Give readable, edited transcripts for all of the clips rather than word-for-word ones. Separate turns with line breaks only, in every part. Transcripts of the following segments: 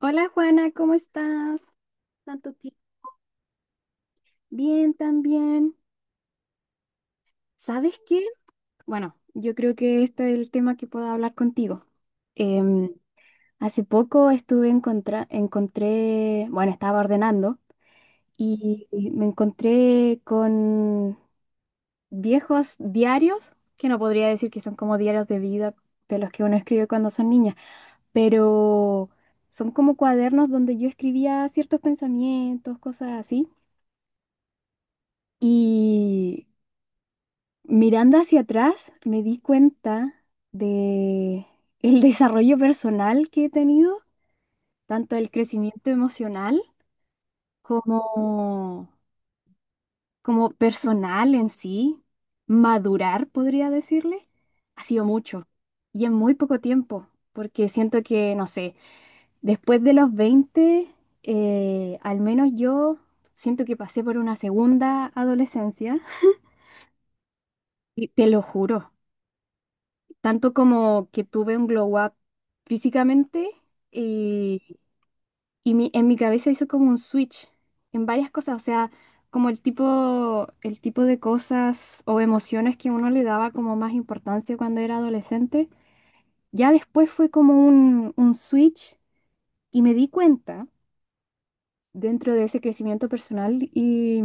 Hola Juana, ¿cómo estás? Tanto tiempo. Bien, también. ¿Sabes qué? Bueno, yo creo que esto es el tema que puedo hablar contigo. Em, Hace poco encontré, bueno, estaba ordenando y me encontré con viejos diarios, que no podría decir que son como diarios de vida de los que uno escribe cuando son niñas, pero son como cuadernos donde yo escribía ciertos pensamientos, cosas así. Y mirando hacia atrás, me di cuenta de el desarrollo personal que he tenido, tanto el crecimiento emocional como, como personal en sí. Madurar, podría decirle, ha sido mucho y en muy poco tiempo, porque siento que, no sé, después de los 20, al menos yo siento que pasé por una segunda adolescencia y te lo juro. Tanto como que tuve un glow up físicamente y, en mi cabeza hizo como un switch en varias cosas, o sea, como el tipo de cosas o emociones que uno le daba como más importancia cuando era adolescente. Ya después fue como un switch y me di cuenta dentro de ese crecimiento personal y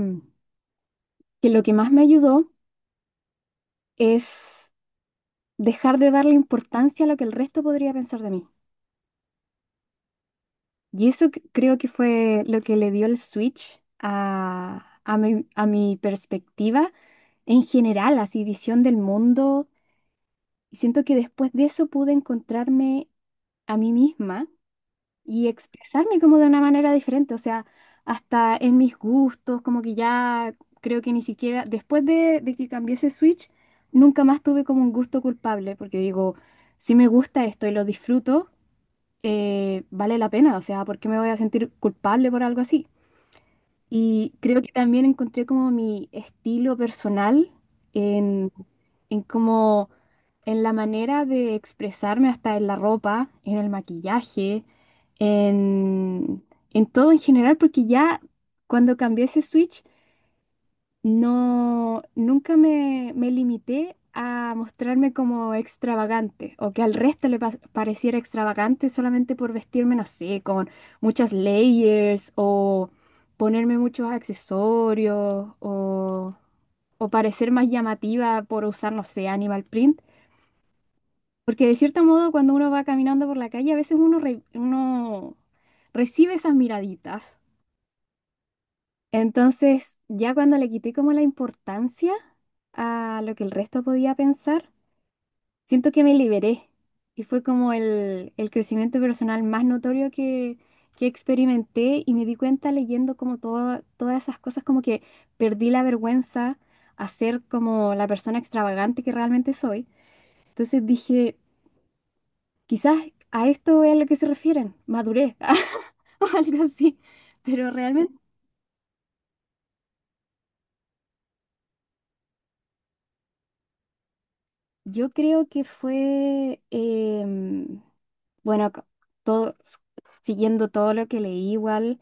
que lo que más me ayudó es dejar de darle importancia a lo que el resto podría pensar de mí. Y eso creo que fue lo que le dio el switch a mi perspectiva en general, así visión del mundo. Y siento que después de eso pude encontrarme a mí misma y expresarme como de una manera diferente, o sea, hasta en mis gustos, como que ya creo que ni siquiera, después de que cambié ese switch, nunca más tuve como un gusto culpable, porque digo, si me gusta esto y lo disfruto vale la pena, o sea, ¿por qué me voy a sentir culpable por algo así? Y creo que también encontré como mi estilo personal en, en como en la manera de expresarme hasta en la ropa, en el maquillaje, en, en todo en general, porque ya cuando cambié ese switch no, nunca me, me limité a mostrarme como extravagante o que al resto le pareciera extravagante solamente por vestirme, no sé, con muchas layers o ponerme muchos accesorios o parecer más llamativa por usar, no sé, animal print. Porque de cierto modo cuando uno va caminando por la calle a veces uno recibe esas miraditas. Entonces, ya cuando le quité como la importancia a lo que el resto podía pensar, siento que me liberé y fue como el crecimiento personal más notorio que experimenté y me di cuenta leyendo como todas esas cosas, como que perdí la vergüenza a ser como la persona extravagante que realmente soy. Entonces dije, quizás a esto es a lo que se refieren, madurez o algo así, pero realmente... Yo creo que fue, bueno, todo, siguiendo todo lo que leí igual,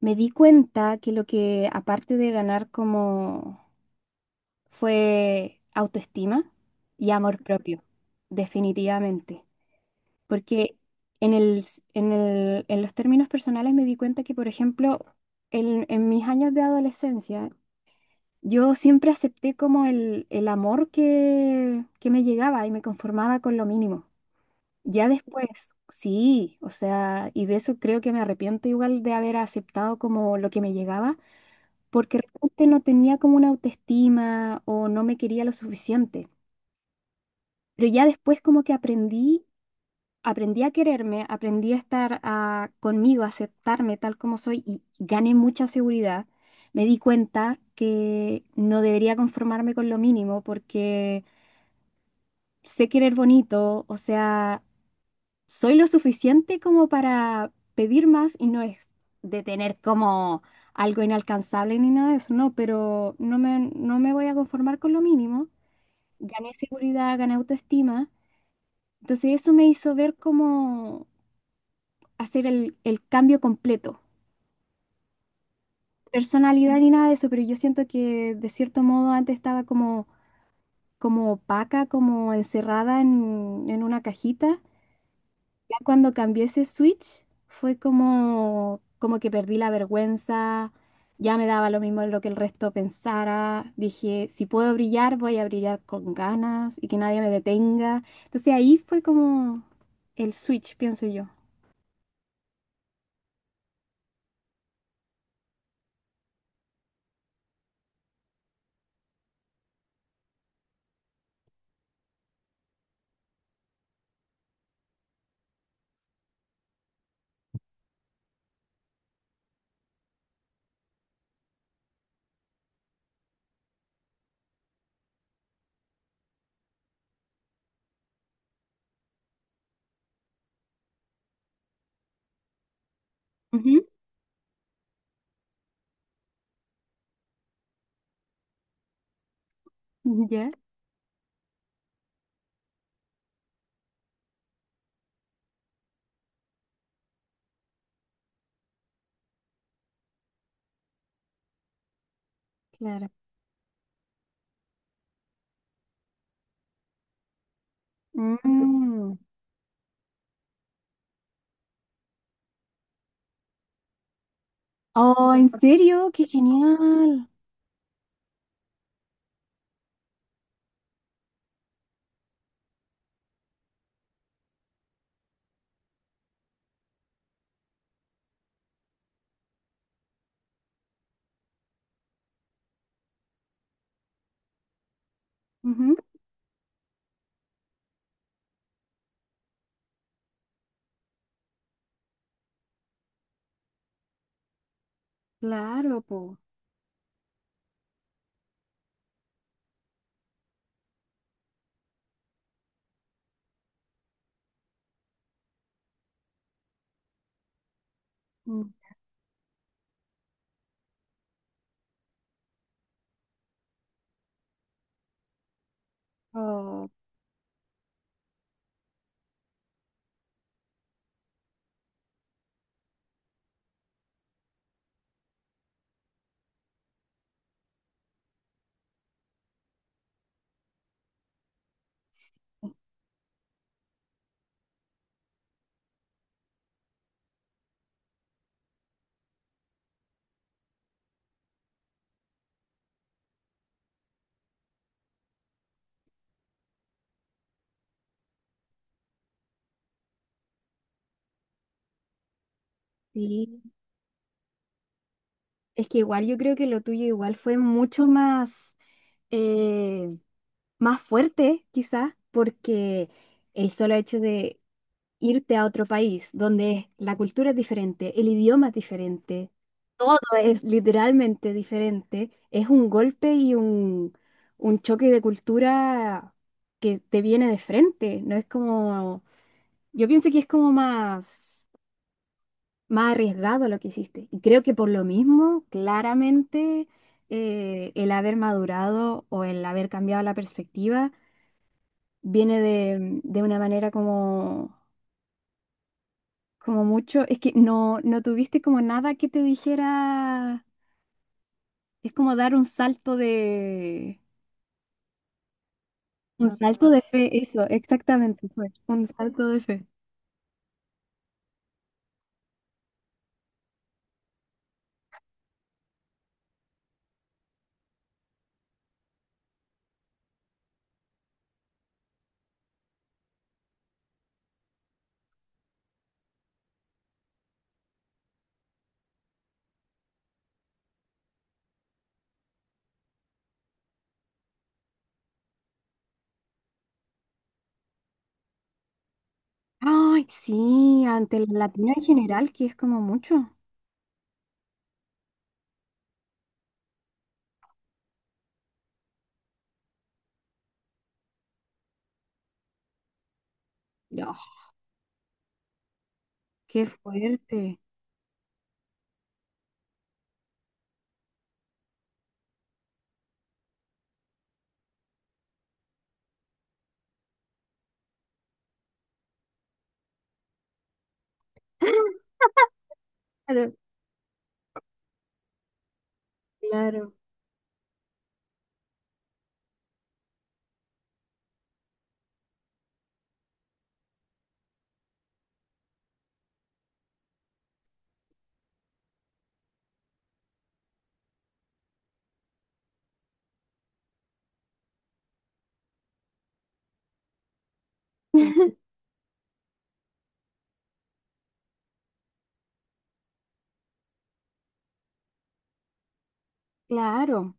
me di cuenta que lo que aparte de ganar como fue autoestima y amor propio, definitivamente. Porque en el, en en los términos personales me di cuenta que, por ejemplo, en mis años de adolescencia, yo siempre acepté como el amor que me llegaba y me conformaba con lo mínimo. Ya después, sí, o sea, y de eso creo que me arrepiento igual de haber aceptado como lo que me llegaba, porque realmente no tenía como una autoestima o no me quería lo suficiente. Pero ya después como que aprendí, aprendí a quererme, aprendí a estar conmigo, a aceptarme tal como soy y gané mucha seguridad. Me di cuenta que no debería conformarme con lo mínimo porque sé querer bonito, o sea... Soy lo suficiente como para pedir más y no es de tener como algo inalcanzable ni nada de eso, no, pero no me, no me voy a conformar con lo mínimo. Gané seguridad, gané autoestima. Entonces eso me hizo ver cómo hacer el cambio completo. Personalidad ni nada de eso, pero yo siento que de cierto modo antes estaba como, como opaca, como encerrada en una cajita. Ya cuando cambié ese switch fue como, como que perdí la vergüenza, ya me daba lo mismo lo que el resto pensara, dije, si puedo brillar, voy a brillar con ganas y que nadie me detenga. Entonces ahí fue como el switch, pienso yo. Ujú. ¿Ya? Claro. Mm. Oh, ¿en serio? ¡Qué genial! Ujú. Claro, po. Mm. Oh, sí. Es que igual yo creo que lo tuyo igual fue mucho más. eh, más fuerte, quizás, porque el solo hecho de irte a otro país donde la cultura es diferente, el idioma es diferente, todo es literalmente diferente, es un golpe y un choque de cultura que te viene de frente, no es como, yo pienso que es como más, más arriesgado lo que hiciste. Y creo que por lo mismo, claramente, el haber madurado o el haber cambiado la perspectiva, viene de una manera como, como mucho, es que no, no tuviste como nada que te dijera, es como dar un salto de fe, eso, exactamente fue, un salto de fe. Ay, sí, ante el latino en general, que es como mucho. No. Qué fuerte. Claro, claro, claro.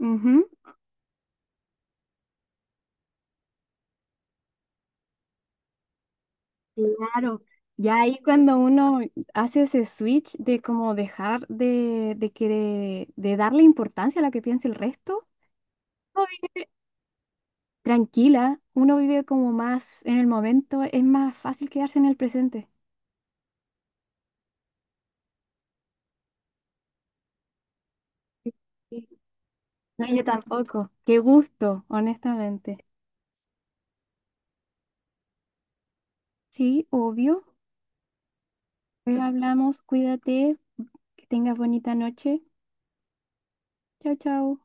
Ujú. Claro, ya ahí cuando uno hace ese switch de como dejar de que de darle importancia a lo que piensa el resto, uno vive tranquila, uno vive como más en el momento, es más fácil quedarse en el presente. Sí, sí. No, yo tampoco. Qué gusto, honestamente. Sí, obvio. Pues hablamos, cuídate, que tengas bonita noche. Chao, chao.